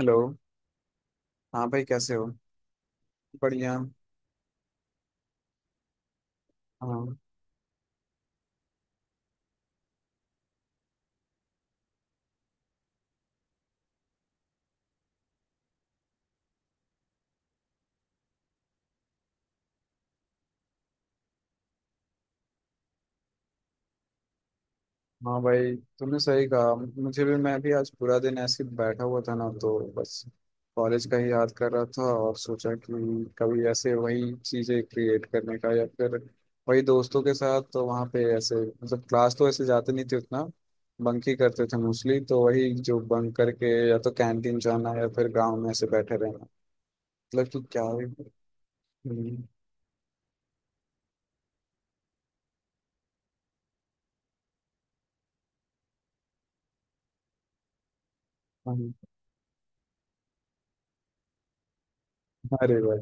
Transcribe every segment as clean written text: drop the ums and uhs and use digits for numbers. Hello. हाँ भाई, कैसे हो? बढ़िया। हाँ हाँ, भाई तुमने सही कहा। मुझे भी मैं भी आज पूरा दिन ऐसे ही बैठा हुआ था ना, तो बस कॉलेज का ही याद कर रहा था, और सोचा कि कभी ऐसे वही चीज़ें क्रिएट करने का, या फिर वही दोस्तों के साथ। तो वहाँ पे ऐसे मतलब क्लास तो ऐसे जाते नहीं थे उतना, बंक ही करते थे मोस्टली। तो वही जो बंक करके या तो कैंटीन जाना या फिर ग्राउंड में ऐसे बैठे रहना, मतलब कि हम्म, हम्म, अरे भाई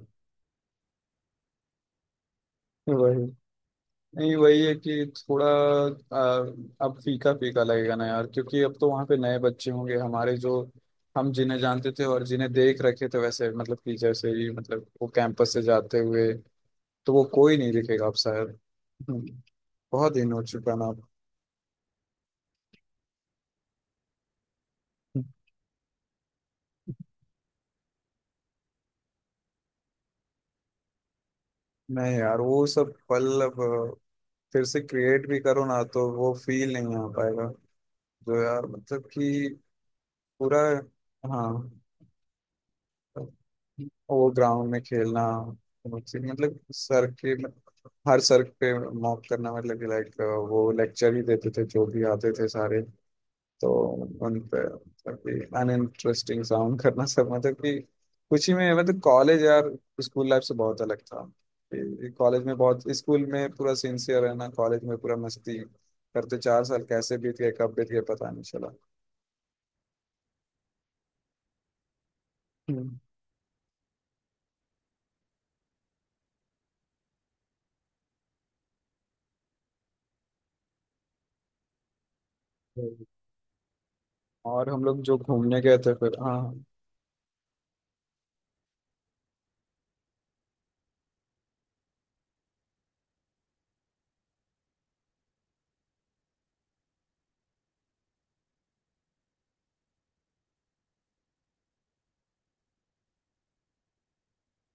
वही। नहीं वही है कि थोड़ा आ, अब फीका फीका लगेगा ना यार, क्योंकि अब तो वहाँ पे नए बच्चे होंगे। हमारे जो, हम जिन्हें जानते थे और जिन्हें देख रखे थे वैसे, मतलब कि जैसे ही, मतलब वो कैंपस से जाते हुए, तो वो कोई नहीं दिखेगा अब शायद। हम्म, बहुत दिन हो चुका ना अब। नहीं यार, वो सब पल अब फिर से क्रिएट भी करो ना तो वो फील नहीं आ पाएगा जो, यार मतलब कि पूरा। हाँ, वो ग्राउंड में खेलना, मतलब सर के, हर सर पे मॉक करना, मतलब कि लाइक वो लेक्चर ही देते थे जो भी आते थे सारे, तो उन पे मतलब अनइंटरेस्टिंग साउंड करना सब, मतलब कि कुछ ही में, मतलब कॉलेज यार स्कूल लाइफ से बहुत अलग था। कॉलेज में बहुत, स्कूल में पूरा सिंसियर रहना, कॉलेज में पूरा मस्ती करते, चार साल कैसे बीत गए कब बीत गए पता नहीं चला। हम्म। और हम लोग जो घूमने गए थे फिर, हाँ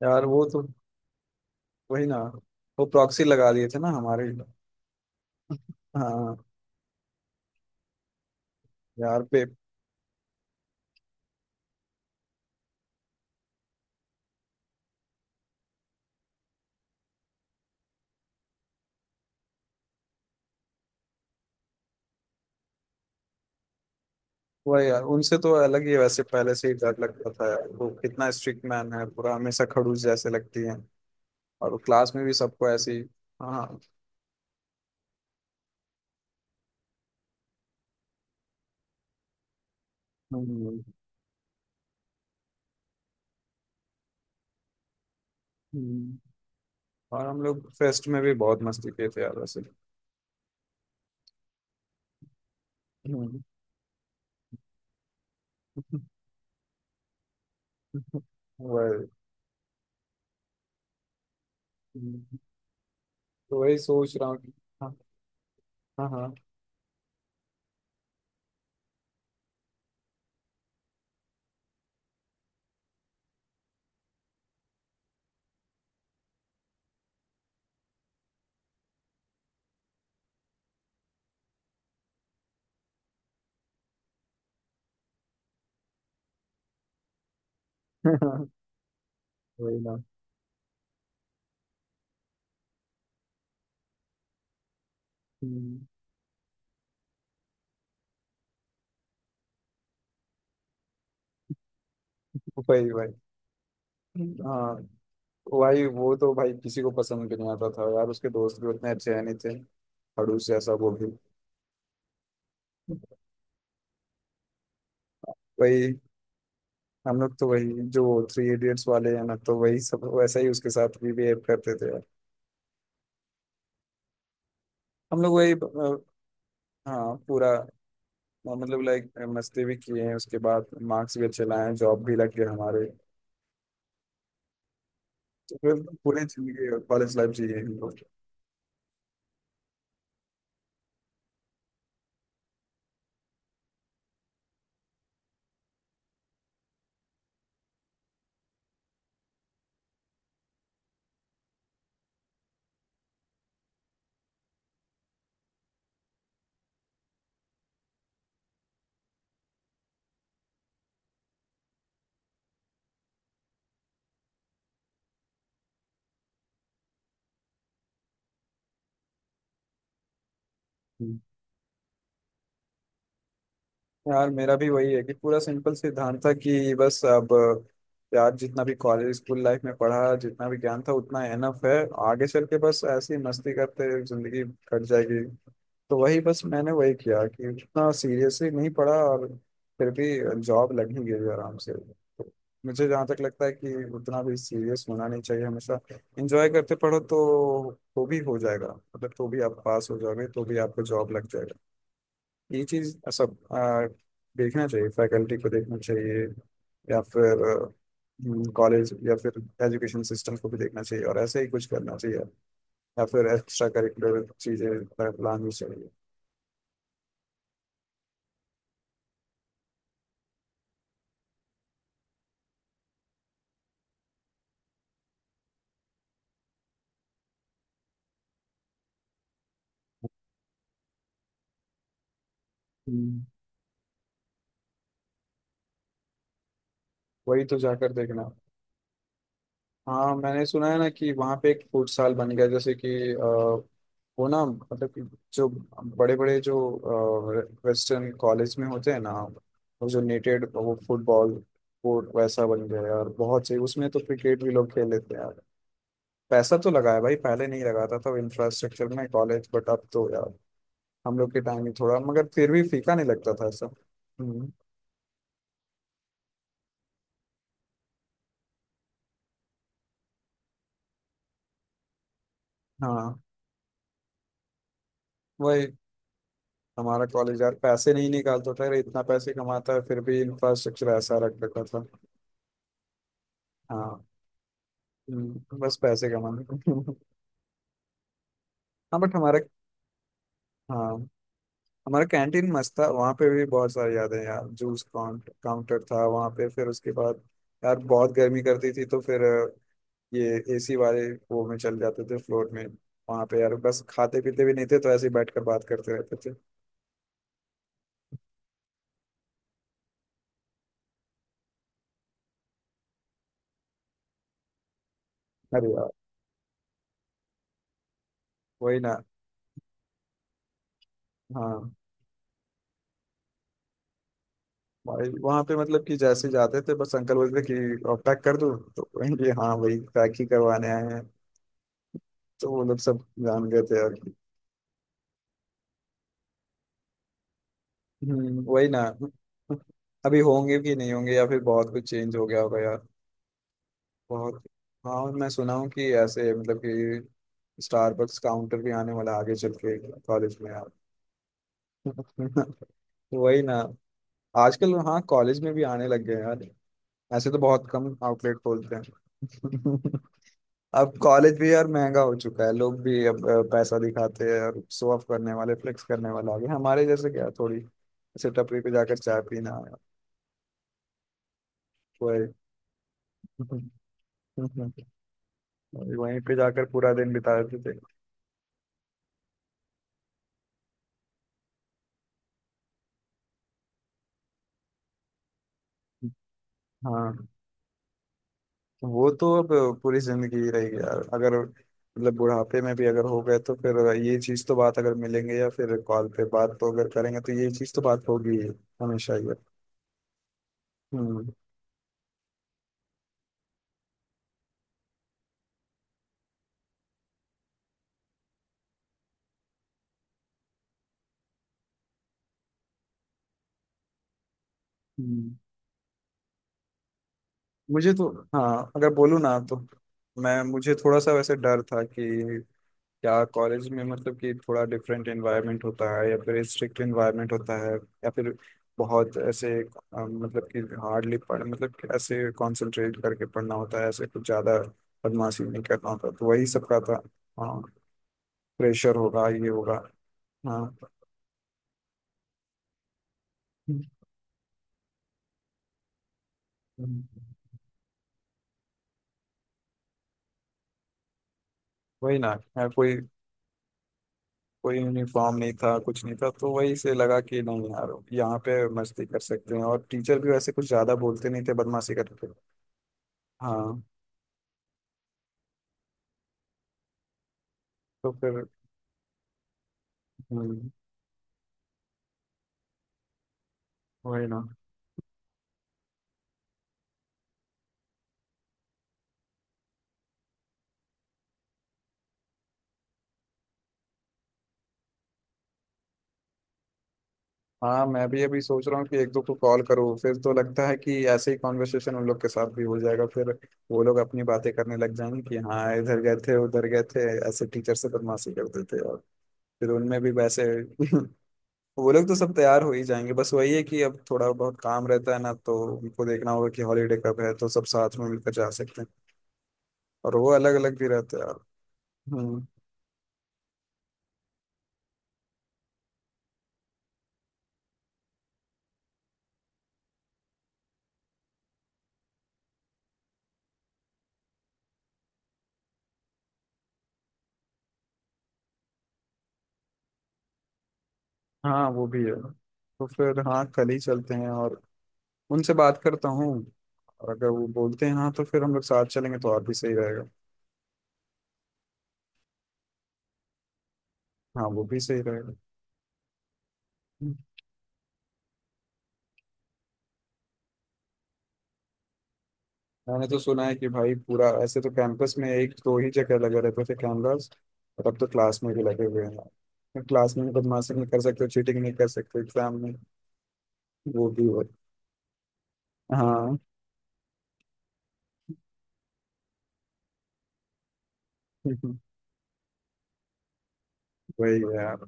यार वो तो, वही ना, वो प्रॉक्सी लगा दिए थे ना हमारे। हाँ, यार पे वही यार, उनसे तो अलग ही है। वैसे पहले से ही डर लगता था यार, वो कितना स्ट्रिक्ट मैन है पूरा, हमेशा खड़ूस जैसे लगती है, और वो क्लास में भी सबको ऐसी। हाँ। हम्म, हम्म। और हम लोग फेस्ट में भी बहुत मस्ती किए थे यार वैसे। हम्म। वही। हम्म। तो वही सोच रहा हूँ हाँ, हाँ, हाँ। वही ना। हम्म, वही वही। हाँ, तो भाई वो तो भाई किसी को पसंद भी नहीं आता था यार, उसके दोस्त भी उतने अच्छे है नहीं थे, खड़ूस जैसा वो भी। वही, हम लोग तो वही जो थ्री इडियट्स वाले हैं ना, तो वही सब वैसा ही उसके साथ भी बिहेव करते थे यार। हम लोग वही, हाँ पूरा, मतलब लाइक मस्ती भी किए हैं, उसके बाद मार्क्स भी अच्छे लाए हैं, जॉब भी लग गए हमारे, तो फिर पूरी जिंदगी कॉलेज लाइफ जी है हम लोग। यार मेरा भी वही है कि पूरा सिंपल सिद्धांत था कि बस अब यार जितना भी कॉलेज स्कूल लाइफ में पढ़ा, जितना भी ज्ञान था उतना एनफ है, आगे चल के बस ऐसी मस्ती करते जिंदगी कट जाएगी। तो वही बस मैंने वही किया कि उतना सीरियसली नहीं पढ़ा, और फिर भी जॉब लग ही गई आराम से। तो मुझे जहाँ तक लगता है कि उतना भी सीरियस होना नहीं चाहिए हमेशा, एंजॉय करते पढ़ो तो भी हो जाएगा, मतलब तो भी आप पास हो जाओगे, तो भी आपको जॉब लग जाएगी। ये चीज सब देखना चाहिए, फैकल्टी को देखना चाहिए, या फिर कॉलेज, या फिर एजुकेशन सिस्टम को भी देखना चाहिए, और ऐसे ही कुछ करना चाहिए, या फिर एक्स्ट्रा करिकुलर चीजें लानी चाहिए। हम्म। वही तो, जाकर देखना। हाँ, मैंने सुना है ना कि वहाँ पे एक फुटसाल बन गया, जैसे कि वो ना, मतलब कि जो बड़े बड़े जो वेस्टर्न कॉलेज में होते हैं ना, वो जो नेटेड वो फुटबॉल कोर्ट वैसा बन गया है, और बहुत सही, उसमें तो क्रिकेट भी लोग खेल लेते हैं यार। पैसा तो लगा है भाई, पहले नहीं लगाता था इंफ्रास्ट्रक्चर में कॉलेज, बट अब तो यार। हम लोग के टाइम में थोड़ा, मगर फिर भी फीका नहीं लगता था ऐसा। हम्म। हाँ वही, हमारा कॉलेज यार पैसे नहीं निकालता था यार, इतना पैसे कमाता है फिर भी इंफ्रास्ट्रक्चर ऐसा रख रखा था। हाँ। बस पैसे कमाने को। हाँ बट हाँ हमारा कैंटीन मस्त था, वहाँ पे भी बहुत सारी यादें हैं यार, जूस काउंटर था वहाँ पे फिर उसके बाद यार बहुत गर्मी करती थी, तो फिर ये एसी वाले, वो में चल जाते थे फ्लोर में। वहाँ पे यार बस खाते पीते भी नहीं थे तो ऐसे ही बैठ कर बात करते रहते थे। अरे यार, वही ना। हाँ भाई, वहां पे मतलब कि जैसे जाते थे बस, अंकल बोलते थे कि और पैक कर दूं, तो कहेंगे हाँ वही पैक ही करवाने आए हैं। तो वो लोग सब जान गए थे, और हम्म, वही ना। अभी होंगे भी नहीं, होंगे या फिर बहुत कुछ चेंज हो गया होगा यार। बहुत। हाँ, मैं सुना हूँ कि ऐसे मतलब कि स्टारबक्स काउंटर भी आने वाला है आगे चल के कॉलेज में यार। वही ना, आजकल हाँ कॉलेज में भी आने लग गए हैं यार, ऐसे तो बहुत कम आउटलेट खोलते हैं। अब कॉलेज भी यार महंगा हो चुका है, लोग भी अब पैसा दिखाते हैं, और शो ऑफ करने वाले, फ्लेक्स करने वाले आ गए, हमारे जैसे क्या थोड़ी ऐसे टपरी पे जाकर चाय पीना। वही। वहीं पे जाकर पूरा दिन बिता देते थे। हाँ, वो तो अब पूरी जिंदगी ही रहेगी यार, अगर मतलब बुढ़ापे में भी अगर हो गए, तो फिर ये चीज तो बात, अगर मिलेंगे या फिर कॉल पे बात तो अगर करेंगे, तो ये चीज तो बात होगी ही, हमेशा ही है। हम्म। हम्म। मुझे तो, हाँ अगर बोलूँ ना तो मैं मुझे थोड़ा सा वैसे डर था कि क्या कॉलेज में मतलब कि थोड़ा डिफरेंट एनवायरनमेंट होता है, या फिर स्ट्रिक्ट एनवायरनमेंट होता है, या फिर बहुत ऐसे मतलब कि हार्डली पढ़ मतलब कि ऐसे कंसंट्रेट करके पढ़ना होता है, ऐसे कुछ ज़्यादा बदमाशी नहीं करना होता, तो वही सब का था। हाँ, प्रेशर होगा, ये होगा। हाँ। हम्म, वही ना है, कोई कोई यूनिफॉर्म नहीं था, कुछ नहीं था, तो वही से लगा कि नहीं यार यहाँ पे मस्ती कर सकते हैं, और टीचर भी वैसे कुछ ज्यादा बोलते नहीं थे, बदमाशी करते थे। हाँ। तो फिर, हम्म, वही ना। हाँ, मैं भी अभी सोच रहा हूँ कि एक दो को कॉल करूँ, फिर तो लगता है कि ऐसे ही कॉन्वर्सेशन उन लोग के साथ भी हो जाएगा, फिर वो लोग अपनी बातें करने लग जाएंगे कि हाँ इधर गए थे उधर गए थे, ऐसे टीचर से बदमाशी करते थे, और फिर उनमें भी वैसे। वो लोग तो सब तैयार हो ही जाएंगे, बस वही है कि अब थोड़ा बहुत काम रहता है ना, तो उनको देखना होगा कि हॉलीडे कब है, तो सब साथ में मिलकर जा सकते हैं। और वो अलग अलग भी रहते हैं यार। हम्म। हाँ वो भी है, तो फिर हाँ कल ही चलते हैं, और उनसे बात करता हूँ, और अगर वो बोलते हैं हाँ, तो फिर हम लोग साथ चलेंगे तो और भी सही रहेगा। हाँ, वो भी सही रहेगा। हम्म। मैंने तो सुना है कि भाई पूरा ऐसे तो कैंपस में एक दो ही जगह लगे रहते थे कैमरास, और अब तो क्लास में भी लगे हुए हैं, क्लास में भी बदमाशी नहीं कर सकते, चीटिंग नहीं कर सकते एग्जाम में। वो भी हो। हाँ। वही है यार,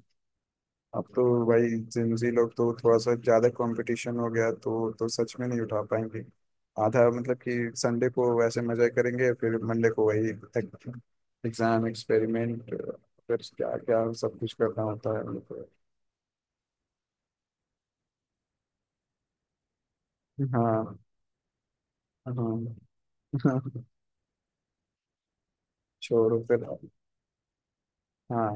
अब तो वही जिंजी लोग तो थोड़ा सा ज्यादा कंपटीशन हो गया, तो सच में नहीं उठा पाएंगे। आधा मतलब कि संडे को वैसे मजा करेंगे, फिर मंडे को वही एग्जाम एक्सपेरिमेंट, फिर क्या क्या सब कुछ करना होता है उनको। हाँ। हाँ। छोड़ो फिर। हाँ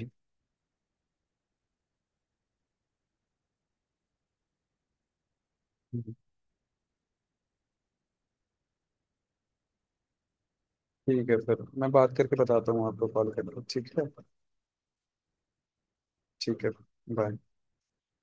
ठीक है, फिर मैं बात करके बताता हूँ आपको, कॉल करके। ठीक है। ठीक है। बाय।